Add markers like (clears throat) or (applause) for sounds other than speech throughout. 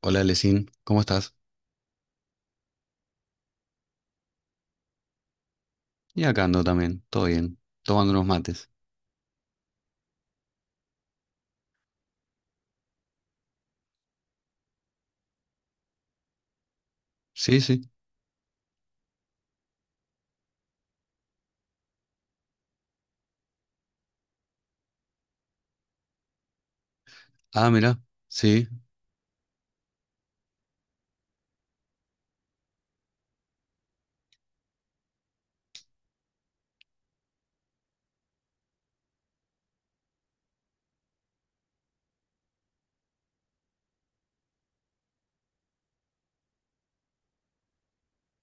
Hola, Lesin, ¿cómo estás? Y acá ando también, todo bien, tomando unos mates. Sí, sí. Ah, mira, sí.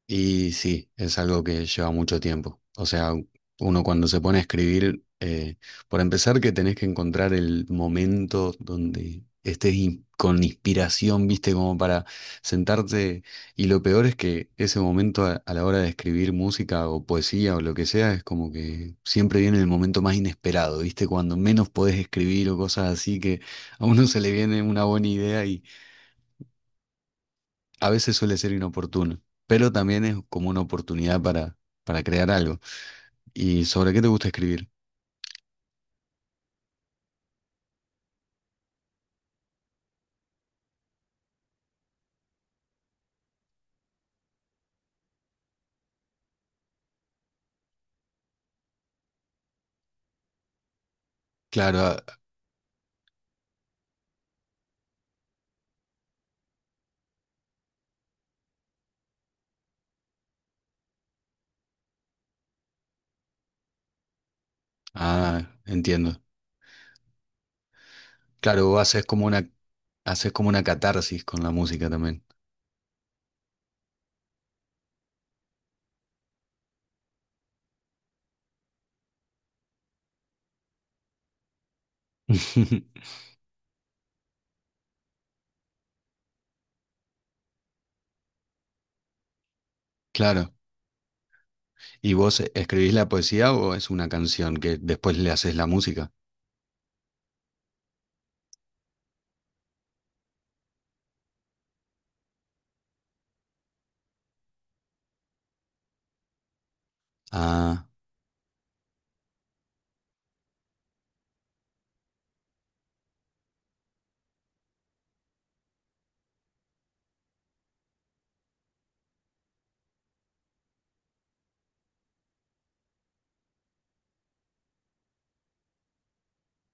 Y sí, es algo que lleva mucho tiempo. O sea, uno cuando se pone a escribir, por empezar que tenés que encontrar el momento donde estés con inspiración, viste, como para sentarte. Y lo peor es que ese momento a la hora de escribir música o poesía o lo que sea, es como que siempre viene el momento más inesperado, viste, cuando menos podés escribir o cosas así, que a uno se le viene una buena idea. A veces suele ser inoportuno, pero también es como una oportunidad para crear algo. ¿Y sobre qué te gusta escribir? Claro. Ah, entiendo. Claro, vos haces como una catarsis con la música también. (laughs) Claro. ¿Y vos escribís la poesía o es una canción que después le haces la música? Ah.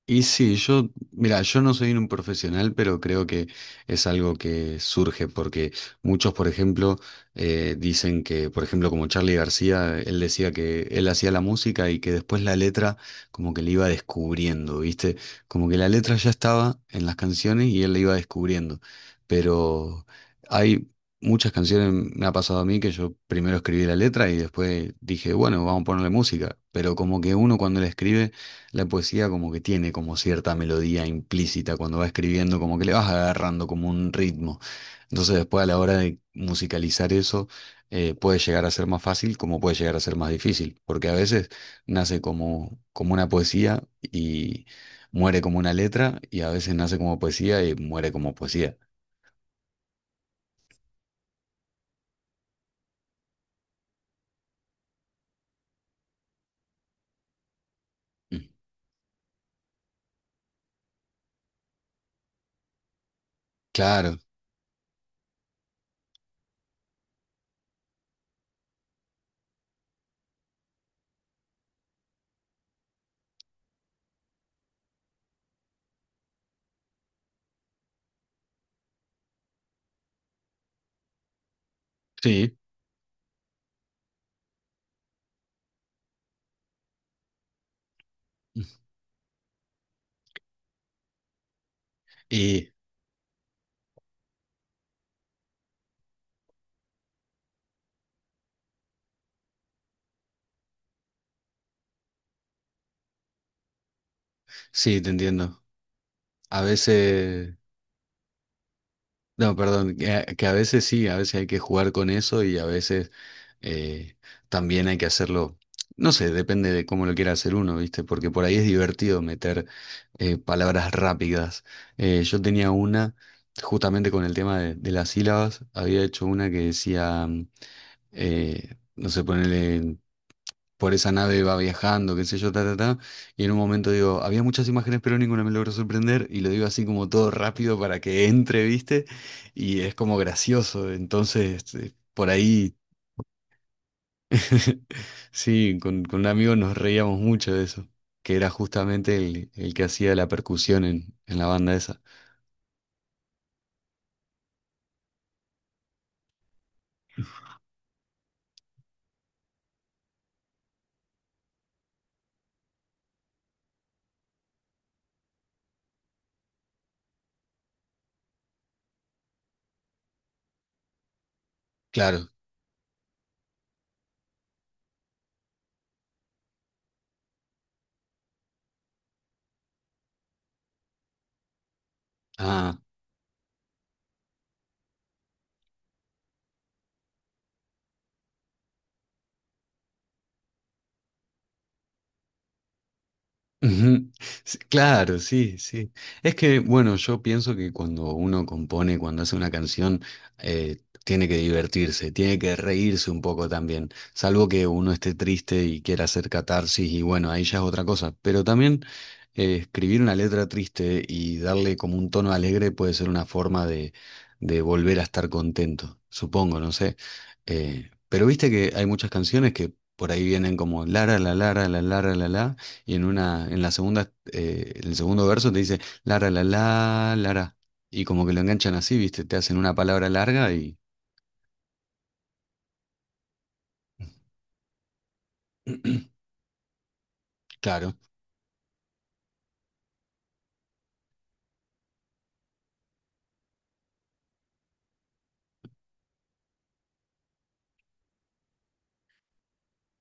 Y sí, yo, mira, yo no soy un profesional, pero creo que es algo que surge porque muchos, por ejemplo, dicen que, por ejemplo, como Charly García, él decía que él hacía la música y que después la letra como que le iba descubriendo, ¿viste? Como que la letra ya estaba en las canciones y él la iba descubriendo. Pero hay muchas canciones, me ha pasado a mí que yo primero escribí la letra y después dije, bueno, vamos a ponerle música. Pero como que uno cuando la escribe la poesía, como que tiene como cierta melodía implícita cuando va escribiendo, como que le vas agarrando como un ritmo. Entonces, después, a la hora de musicalizar eso, puede llegar a ser más fácil como puede llegar a ser más difícil, porque a veces nace como, una poesía y muere como una letra, y a veces nace como poesía y muere como poesía. Mm. Claro, sí. Y sí, te entiendo. A veces, no, perdón, que a veces sí, a veces hay que jugar con eso, y a veces eh, también hay que hacerlo, no sé, depende de cómo lo quiera hacer uno, ¿viste? Porque por ahí es divertido meter palabras rápidas. Yo tenía una, justamente con el tema de las sílabas, había hecho una que decía, no sé, ponerle, por esa nave va viajando, qué sé yo, ta, ta, ta. Y en un momento digo, había muchas imágenes, pero ninguna me logró sorprender, y lo digo así como todo rápido para que entre, ¿viste? Y es como gracioso, entonces, por ahí. (laughs) Sí, con un amigo nos reíamos mucho de eso, que era justamente el que hacía la percusión en la banda esa. Claro. Ah, ujú. Sí, claro, sí, sí. Es que, bueno, yo pienso que cuando uno compone, cuando hace una canción, eh, tiene que divertirse, tiene que reírse un poco también, salvo que uno esté triste y quiera hacer catarsis, y bueno, ahí ya es otra cosa. Pero también, escribir una letra triste y darle como un tono alegre puede ser una forma de volver a estar contento, supongo, no sé. Pero viste que hay muchas canciones que por ahí vienen como la la, la la, la la la, la, la, y en una, en el segundo verso te dice Lara la la Lara, y como que lo enganchan así, ¿viste? Te hacen una palabra larga y (clears throat) claro.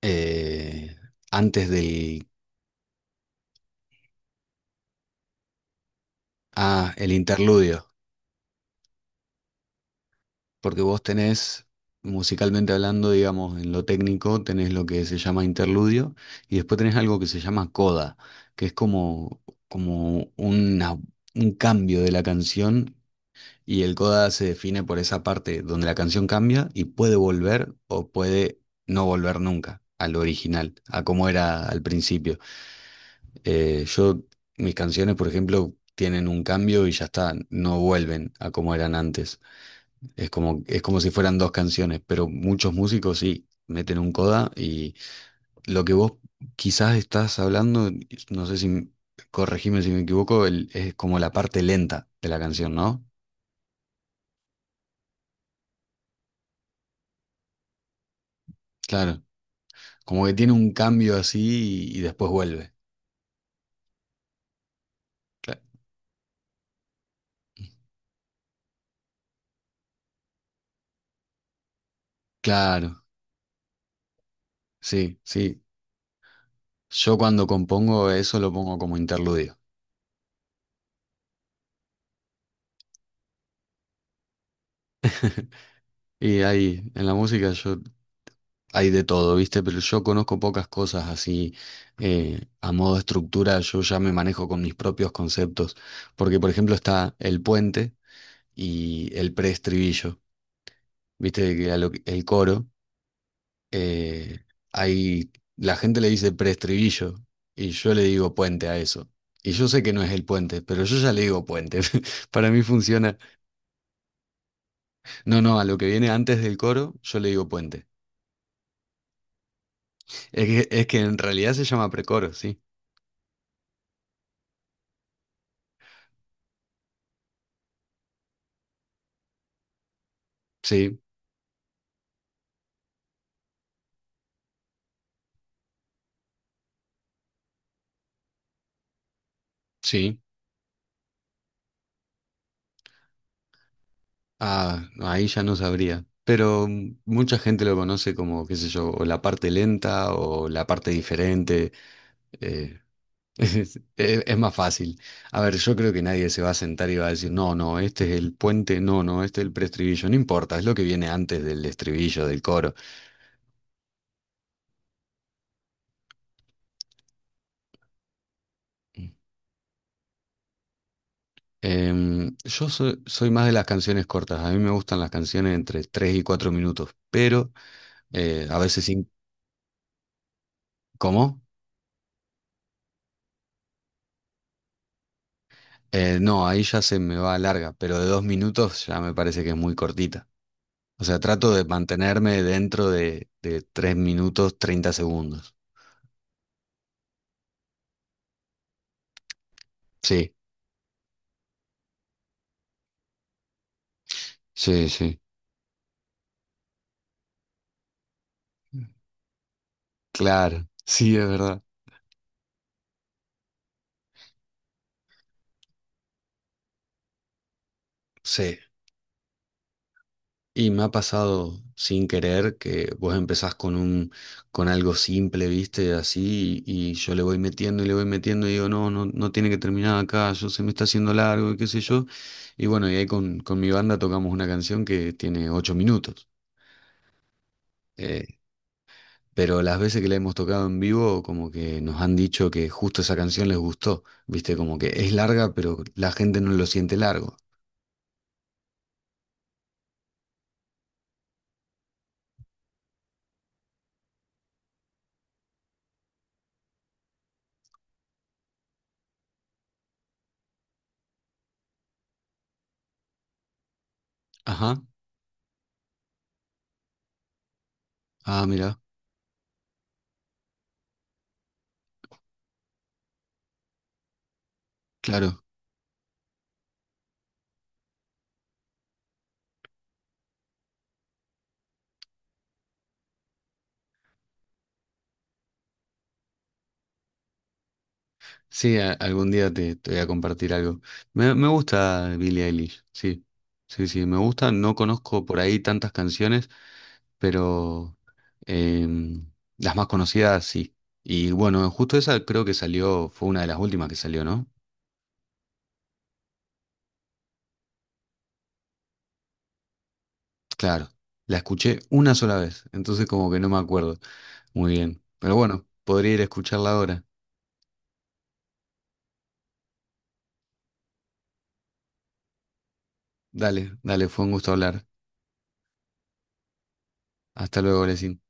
eh, antes del el interludio. Porque vos tenés, musicalmente hablando, digamos, en lo técnico, tenés lo que se llama interludio, y después tenés algo que se llama coda, que es como, como una, un cambio de la canción. Y el coda se define por esa parte donde la canción cambia y puede volver o puede no volver nunca al original, a cómo era al principio. Eh, yo, Mis canciones, por ejemplo, tienen un cambio y ya está, no vuelven a como eran antes. Es como si fueran dos canciones, pero muchos músicos sí meten un coda, y lo que vos quizás estás hablando, no sé si, corregime si me equivoco, es como la parte lenta de la canción, ¿no? Claro. Como que tiene un cambio así, y después vuelve. Cla- claro, sí, sí. Yo cuando compongo eso lo pongo como interludio. (laughs) Y ahí, en la música, yo hay de todo, ¿viste? Pero yo conozco pocas cosas así, a modo de estructura, yo ya me manejo con mis propios conceptos, porque por ejemplo está el puente y el preestribillo, ¿viste? Que a el coro. eh, hay, la gente le dice preestribillo y yo le digo puente a eso. Y yo sé que no es el puente, pero yo ya le digo puente. (laughs) Para mí funciona. No, no, a lo que viene antes del coro, yo le digo puente. Es que en realidad se llama precoro, sí. Sí, sí. Ah, no, ahí ya no sabría. Pero mm, mucha gente lo conoce como, qué sé yo, o la parte lenta o la parte diferente. eh, Es, es más fácil. A ver, yo creo que nadie se va a sentar y va a decir, no, no, este es el puente, no, no, este es el preestribillo, no importa, es lo que viene antes del estribillo, del coro. Yo soy más de las canciones cortas, a mí me gustan las canciones entre 3 y 4 minutos, pero a veces, ¿cómo? No, ahí ya se me va larga, pero de 2 minutos ya me parece que es muy cortita. O sea, trato de mantenerme dentro de 3 minutos 30 segundos. Sí, sí, sí. Claro, sí, es verdad. Sí. Y me ha pasado sin querer que vos empezás con algo simple, viste, así, y yo le voy metiendo y le voy metiendo y digo, no, no, no tiene que terminar acá, yo se me está haciendo largo y qué sé yo. Y bueno, y ahí con mi banda tocamos una canción que tiene 8 minutos. Eh, pero las veces que la hemos tocado en vivo, como que nos han dicho que justo esa canción les gustó, viste, como que es larga, pero la gente no lo siente largo. Ajá. Ah, mira, claro. Sí, algún día te voy a compartir algo. Me gusta Billie Eilish, sí. Sí, sí, me gusta. No conozco por ahí tantas canciones, pero em, las más conocidas sí. Y bueno, justo esa creo que salió, fue una de las últimas que salió, ¿no? Claro, la escuché una sola vez, entonces como que no me acuerdo muy bien. Pero bueno, podría ir a escucharla ahora. Dale, dale, fue un gusto hablar. Hasta luego, Lesin.